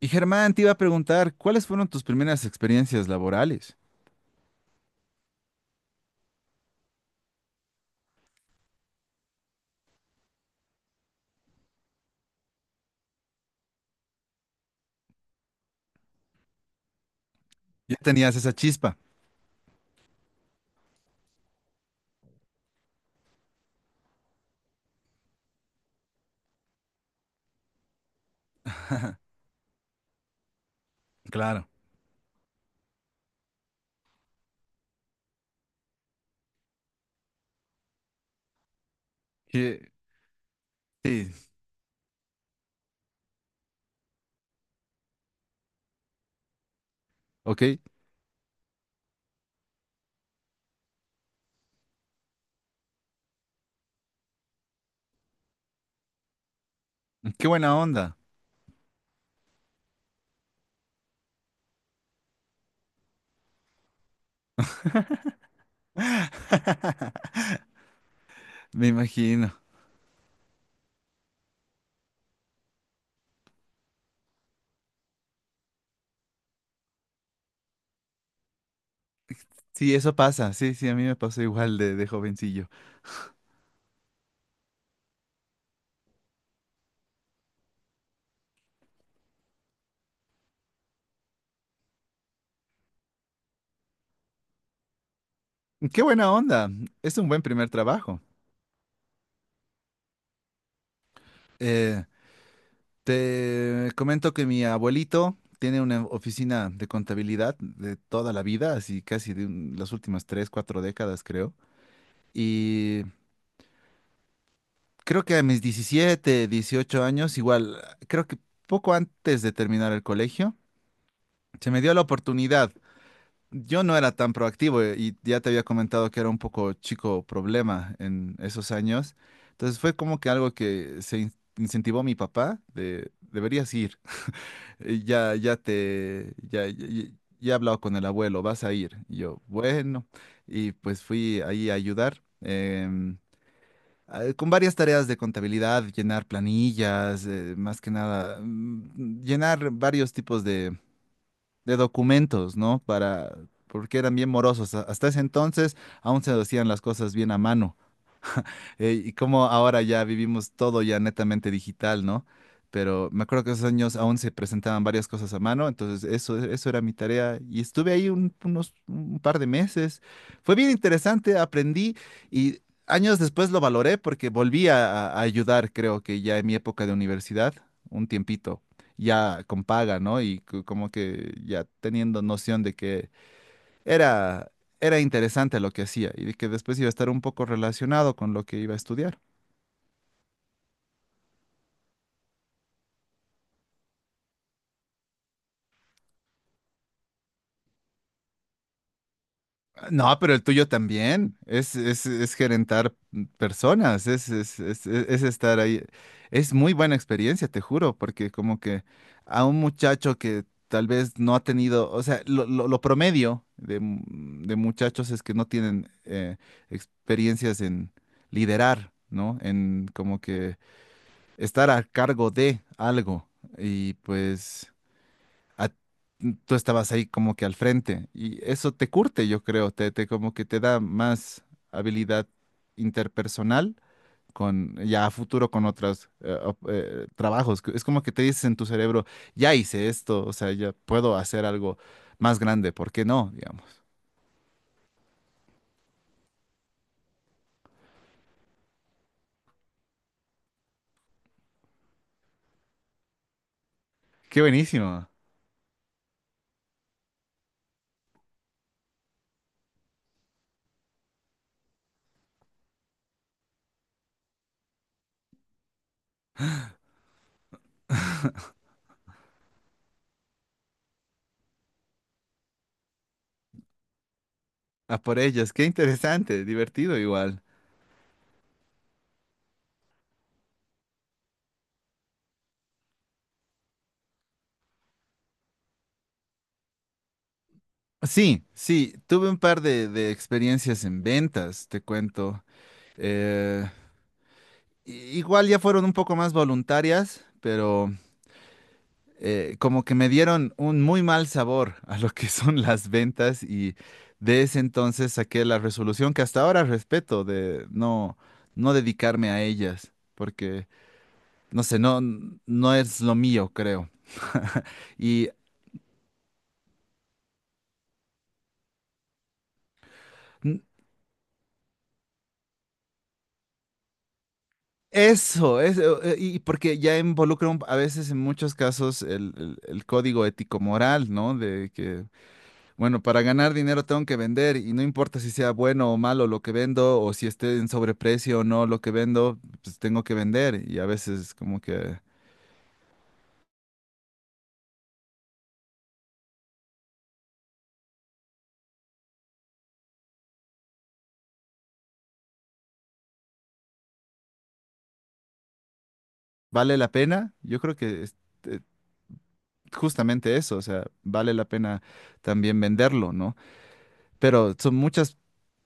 Y Germán, te iba a preguntar, ¿cuáles fueron tus primeras experiencias laborales? Ya tenías esa chispa. Claro. Que- Sí, ok. Qué buena onda. Me imagino. Sí, eso pasa. Sí, sí, a mí me pasó igual de jovencillo. Qué buena onda. Es un buen primer trabajo. Eh, Te comento que mi abuelito tiene una oficina de contabilidad de toda la vida, así casi las últimas 3, 4 décadas, creo. Y creo que a mis 17, 18 años, igual, creo que poco antes de terminar el colegio, se me dio la oportunidad. Yo no era tan proactivo, y ya te había comentado que era un poco chico problema en esos años. Entonces fue como que algo que incentivó mi papá de deberías ir. Ya, ya te, ya, ya, ya- ya he hablado con el abuelo, vas a ir. Y yo, bueno, y pues fui ahí a ayudar con varias tareas de contabilidad, llenar planillas, más que nada, llenar varios tipos de documentos, ¿no? Para, porque eran bien morosos. Hasta ese entonces aún se hacían las cosas bien a mano. Y como ahora ya vivimos todo ya netamente digital, ¿no? Pero me acuerdo que esos años aún se presentaban varias cosas a mano, entonces eso era mi tarea y estuve ahí un- unos un par de meses. Fue bien interesante, aprendí, y años después lo valoré porque volví a ayudar, creo que ya en mi época de universidad, un tiempito, ya con paga, ¿no? Y como que ya teniendo noción de que era, era interesante lo que hacía y de que después iba a estar un poco relacionado con lo que iba a estudiar. No, pero el tuyo también. Es gerentar personas, es estar ahí. Es muy buena experiencia, te juro, porque como que a un muchacho que tal vez no ha tenido, o sea, lo promedio de muchachos es que no tienen experiencias en liderar, ¿no? En como que estar a cargo de algo. Y pues a- tú estabas ahí como que al frente y eso te curte, yo creo, te como que te da más habilidad interpersonal con, ya a futuro, con otros trabajos. Es como que te dices en tu cerebro, ya hice esto, o sea, ya puedo hacer algo más grande, ¿por qué no? Digamos. Qué buenísimo. A por ellas, qué interesante, divertido igual. Sí, sí, tuve un par de experiencias en ventas, te cuento. Eh, i- Igual ya fueron un poco más voluntarias, pero como que me dieron un muy mal sabor a lo que son las ventas, y de ese entonces saqué la resolución que hasta ahora respeto de no dedicarme a ellas, porque no sé, no es lo mío, creo. Y n- eso, y porque ya involucra a veces, en muchos casos, el, el código ético-moral, ¿no? De que bueno, para ganar dinero tengo que vender, y no importa si sea bueno o malo lo que vendo, o si esté en sobreprecio o no lo que vendo, pues tengo que vender, y a veces como que vale la pena. Yo creo que es, eh, justamente eso, o sea, vale la pena también venderlo, ¿no? Pero son muchas,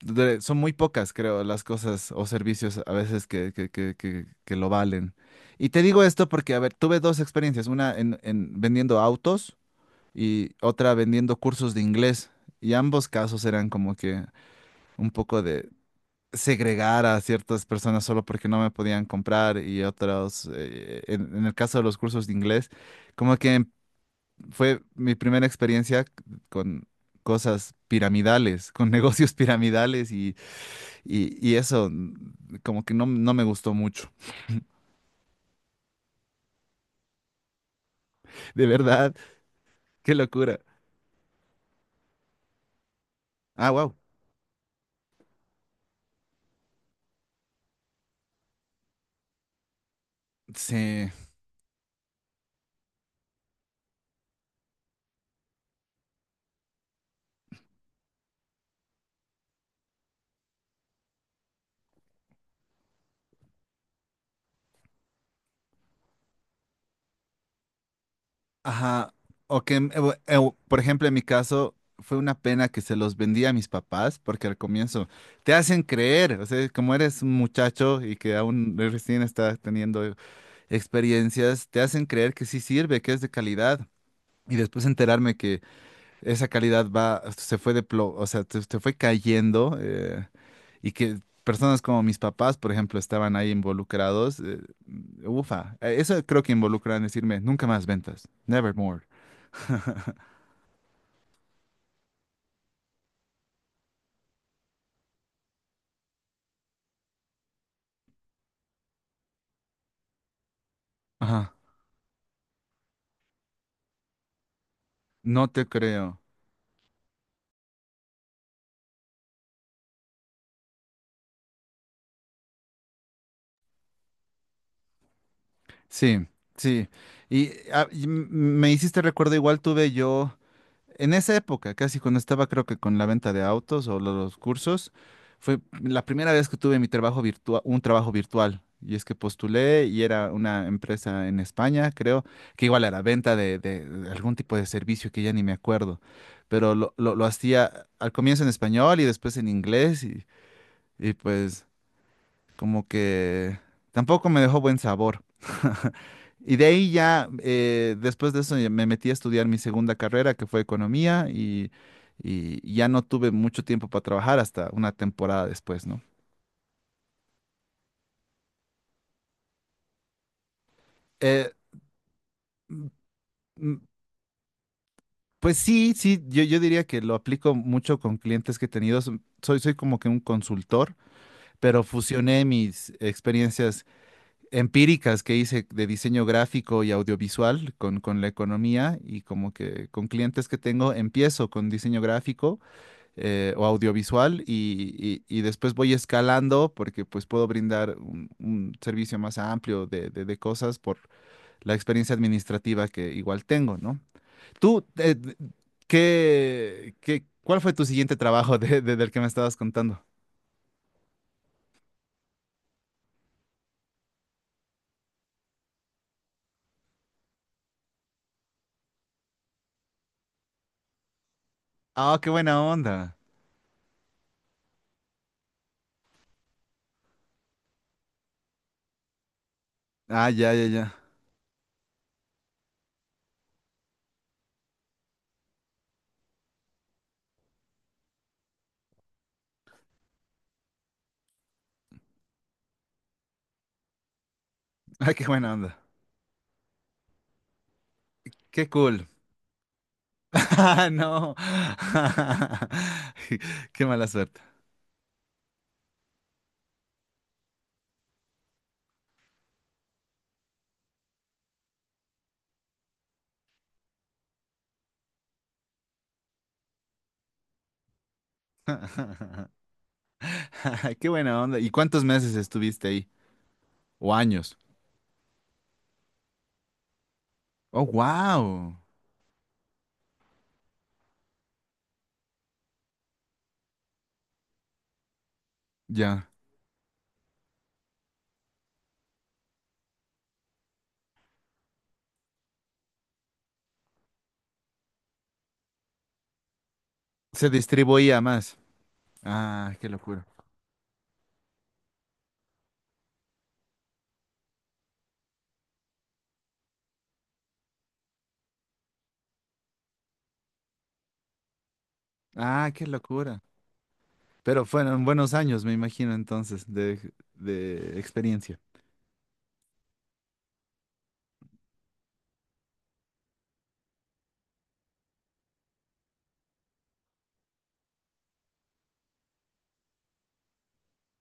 de- son muy pocas, creo, las cosas o servicios a veces que lo valen. Y te digo esto porque, a ver, tuve dos experiencias, una en vendiendo autos y otra vendiendo cursos de inglés. Y ambos casos eran como que un poco de segregar a ciertas personas solo porque no me podían comprar, y otros, en el caso de los cursos de inglés, como que fue mi primera experiencia con cosas piramidales, con negocios piramidales, y y eso como que no me gustó mucho. De verdad, qué locura. Ah, wow. Sí. Ajá, o que, por ejemplo, en mi caso, fue una pena que se los vendía a mis papás, porque al comienzo te hacen creer, o sea, como eres un muchacho y que aún recién estás teniendo experiencias, te hacen creer que sí sirve, que es de calidad. Y después enterarme que esa calidad va, se fue de plo- o sea, te fue cayendo, y que personas como mis papás, por ejemplo, estaban ahí involucrados. Ufa. Eso creo que involucran decirme: nunca más ventas, never more. Ajá, no te creo. Sí, sí. Y, me hiciste recuerdo, igual tuve yo, en esa época, casi cuando estaba, creo que con la venta de autos o los cursos, fue la primera vez que tuve mi trabajo virtual, un trabajo virtual. Y es que postulé y era una empresa en España, creo, que igual era venta de algún tipo de servicio que ya ni me acuerdo. Pero lo hacía al comienzo en español y después en inglés, y pues como que tampoco me dejó buen sabor. Y de ahí ya, después de eso, ya me metí a estudiar mi segunda carrera, que fue economía, y ya no tuve mucho tiempo para trabajar hasta una temporada después, ¿no? Eh, mm, pues sí, sí, yo diría que lo aplico mucho con clientes que he tenido. Soy como que un consultor, pero fusioné mis experiencias empíricas que hice de diseño gráfico y audiovisual con la economía, y como que con clientes que tengo empiezo con diseño gráfico o audiovisual, y y después voy escalando porque pues puedo brindar un servicio más amplio de cosas por la experiencia administrativa que igual tengo, ¿no? Tú, ¿cuál fue tu siguiente trabajo del que me estabas contando? Ah, qué buena onda. Ah, ya, ya, ya. Ah, qué buena onda. Qué cool. Ah, no. Qué mala suerte. Qué buena onda. ¿Y cuántos meses estuviste ahí? ¿O años? Oh, wow. Ya. Se distribuía más. Ah, qué locura. Ah, qué locura. Pero fueron buenos años, me imagino, entonces, de experiencia.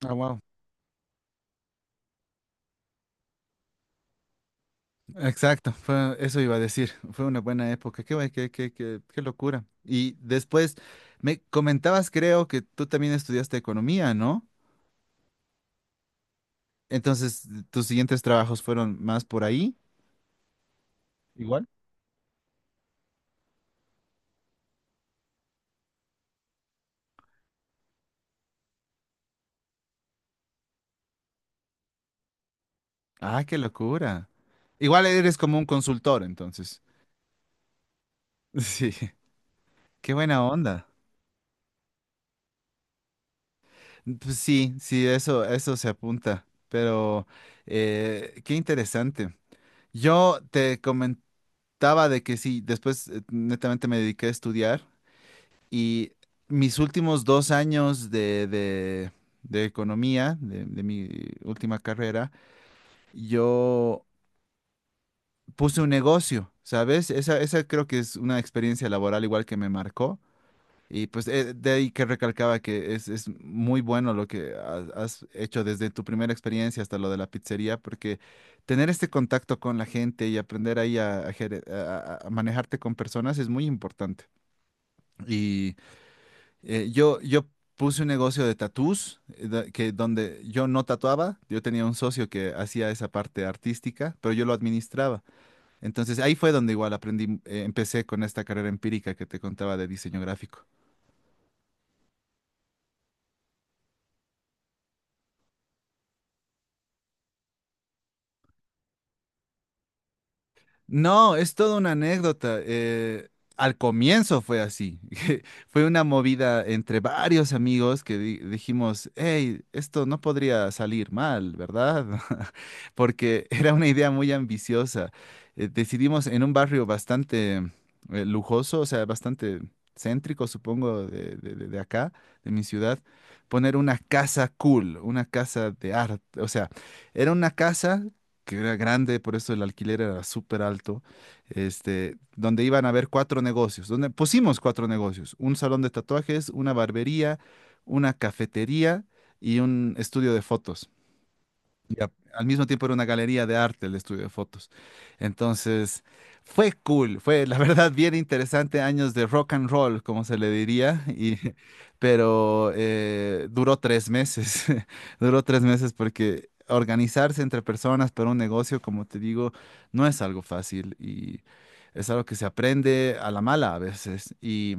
Ah, exacto, eso iba a decir. Fue una buena época. Qué, bu- qué, qué, qué, qué locura. Y después me comentabas, creo que tú también estudiaste economía, ¿no? Entonces, tus siguientes trabajos fueron más por ahí. Igual. Ah, qué locura. Igual eres como un consultor, entonces. Sí, qué buena onda. Pues sí, sí, eso se apunta. Pero qué interesante. Yo te comentaba de que sí, después netamente me dediqué a estudiar. Y mis últimos 2 años de economía, de mi última carrera, yo puse un negocio, ¿sabes? Esa creo que es una experiencia laboral igual que me marcó. Y pues de ahí que recalcaba que es muy bueno lo que has hecho desde tu primera experiencia hasta lo de la pizzería, porque tener este contacto con la gente y aprender ahí a gere- a manejarte con personas es muy importante. Y yo puse un negocio de tatús, da- que donde yo no tatuaba, yo tenía un socio que hacía esa parte artística, pero yo lo administraba. Entonces ahí fue donde igual aprendí, empecé con esta carrera empírica que te contaba de diseño gráfico. No, es toda una anécdota. Al comienzo fue así. Fue una movida entre varios amigos que dijimos, hey, esto no podría salir mal, ¿verdad? Porque era una idea muy ambiciosa. Decidimos en un barrio bastante lujoso, o sea, bastante céntrico, supongo, de acá, de mi ciudad, poner una casa cool, una casa de arte. O sea, era una casa que era grande, por eso el alquiler era súper alto, este, donde iban a haber cuatro negocios, donde pusimos cuatro negocios: un salón de tatuajes, una barbería, una cafetería y un estudio de fotos, y al mismo tiempo era una galería de arte el estudio de fotos. Entonces, fue cool, fue la verdad bien interesante, años de rock and roll, como se le diría, y pero duró 3 meses, duró 3 meses, porque organizarse entre personas para un negocio, como te digo, no es algo fácil, y es algo que se aprende a la mala a veces. Y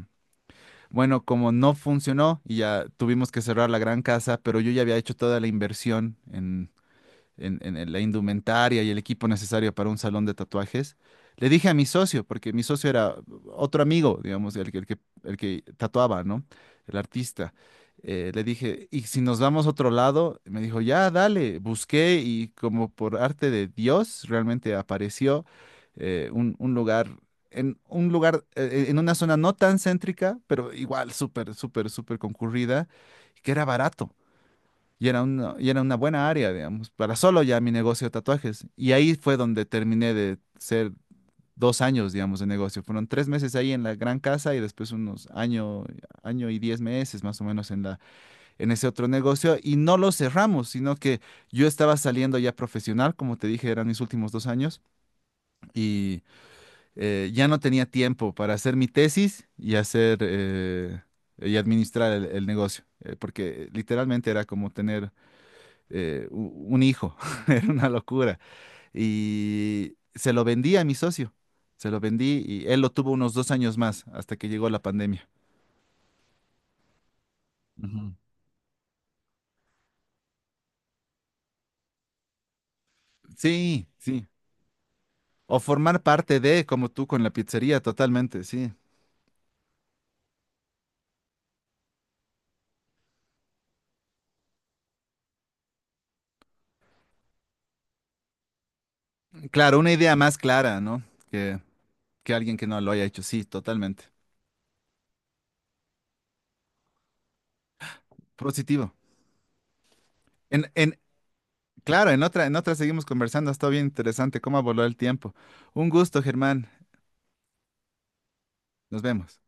bueno, como no funcionó y ya tuvimos que cerrar la gran casa, pero yo ya había hecho toda la inversión en la indumentaria y el equipo necesario para un salón de tatuajes, le dije a mi socio, porque mi socio era otro amigo, digamos, el que tatuaba, ¿no? El artista. Le dije, ¿y si nos vamos a otro lado? Me dijo, ya, dale. Busqué y, como por arte de Dios, realmente apareció eh, un, un lugar, un lugar, en una zona no tan céntrica, pero igual súper, súper, súper concurrida, que era barato. Y era una buena área, digamos, para solo ya mi negocio de tatuajes. Y ahí fue donde terminé de ser 2 años, digamos, de negocio. Fueron 3 meses ahí en la gran casa y después año y 10 meses más o menos en la, en ese otro negocio. Y no lo cerramos, sino que yo estaba saliendo ya profesional, como te dije, eran mis últimos 2 años, y ya no tenía tiempo para hacer mi tesis y hacer y administrar el negocio, porque literalmente era como tener un hijo. Era una locura. Y se lo vendí a mi socio, se lo vendí y él lo tuvo unos 2 años más hasta que llegó la pandemia. Ujú. Sí, sí. O formar parte de, como tú con la pizzería, totalmente, sí. Claro, una idea más clara, ¿no? Que, que alguien que no lo haya hecho, sí, totalmente. Positivo. En, claro, en otra seguimos conversando, ha estado bien interesante cómo voló el tiempo. Un gusto, Germán. Nos vemos.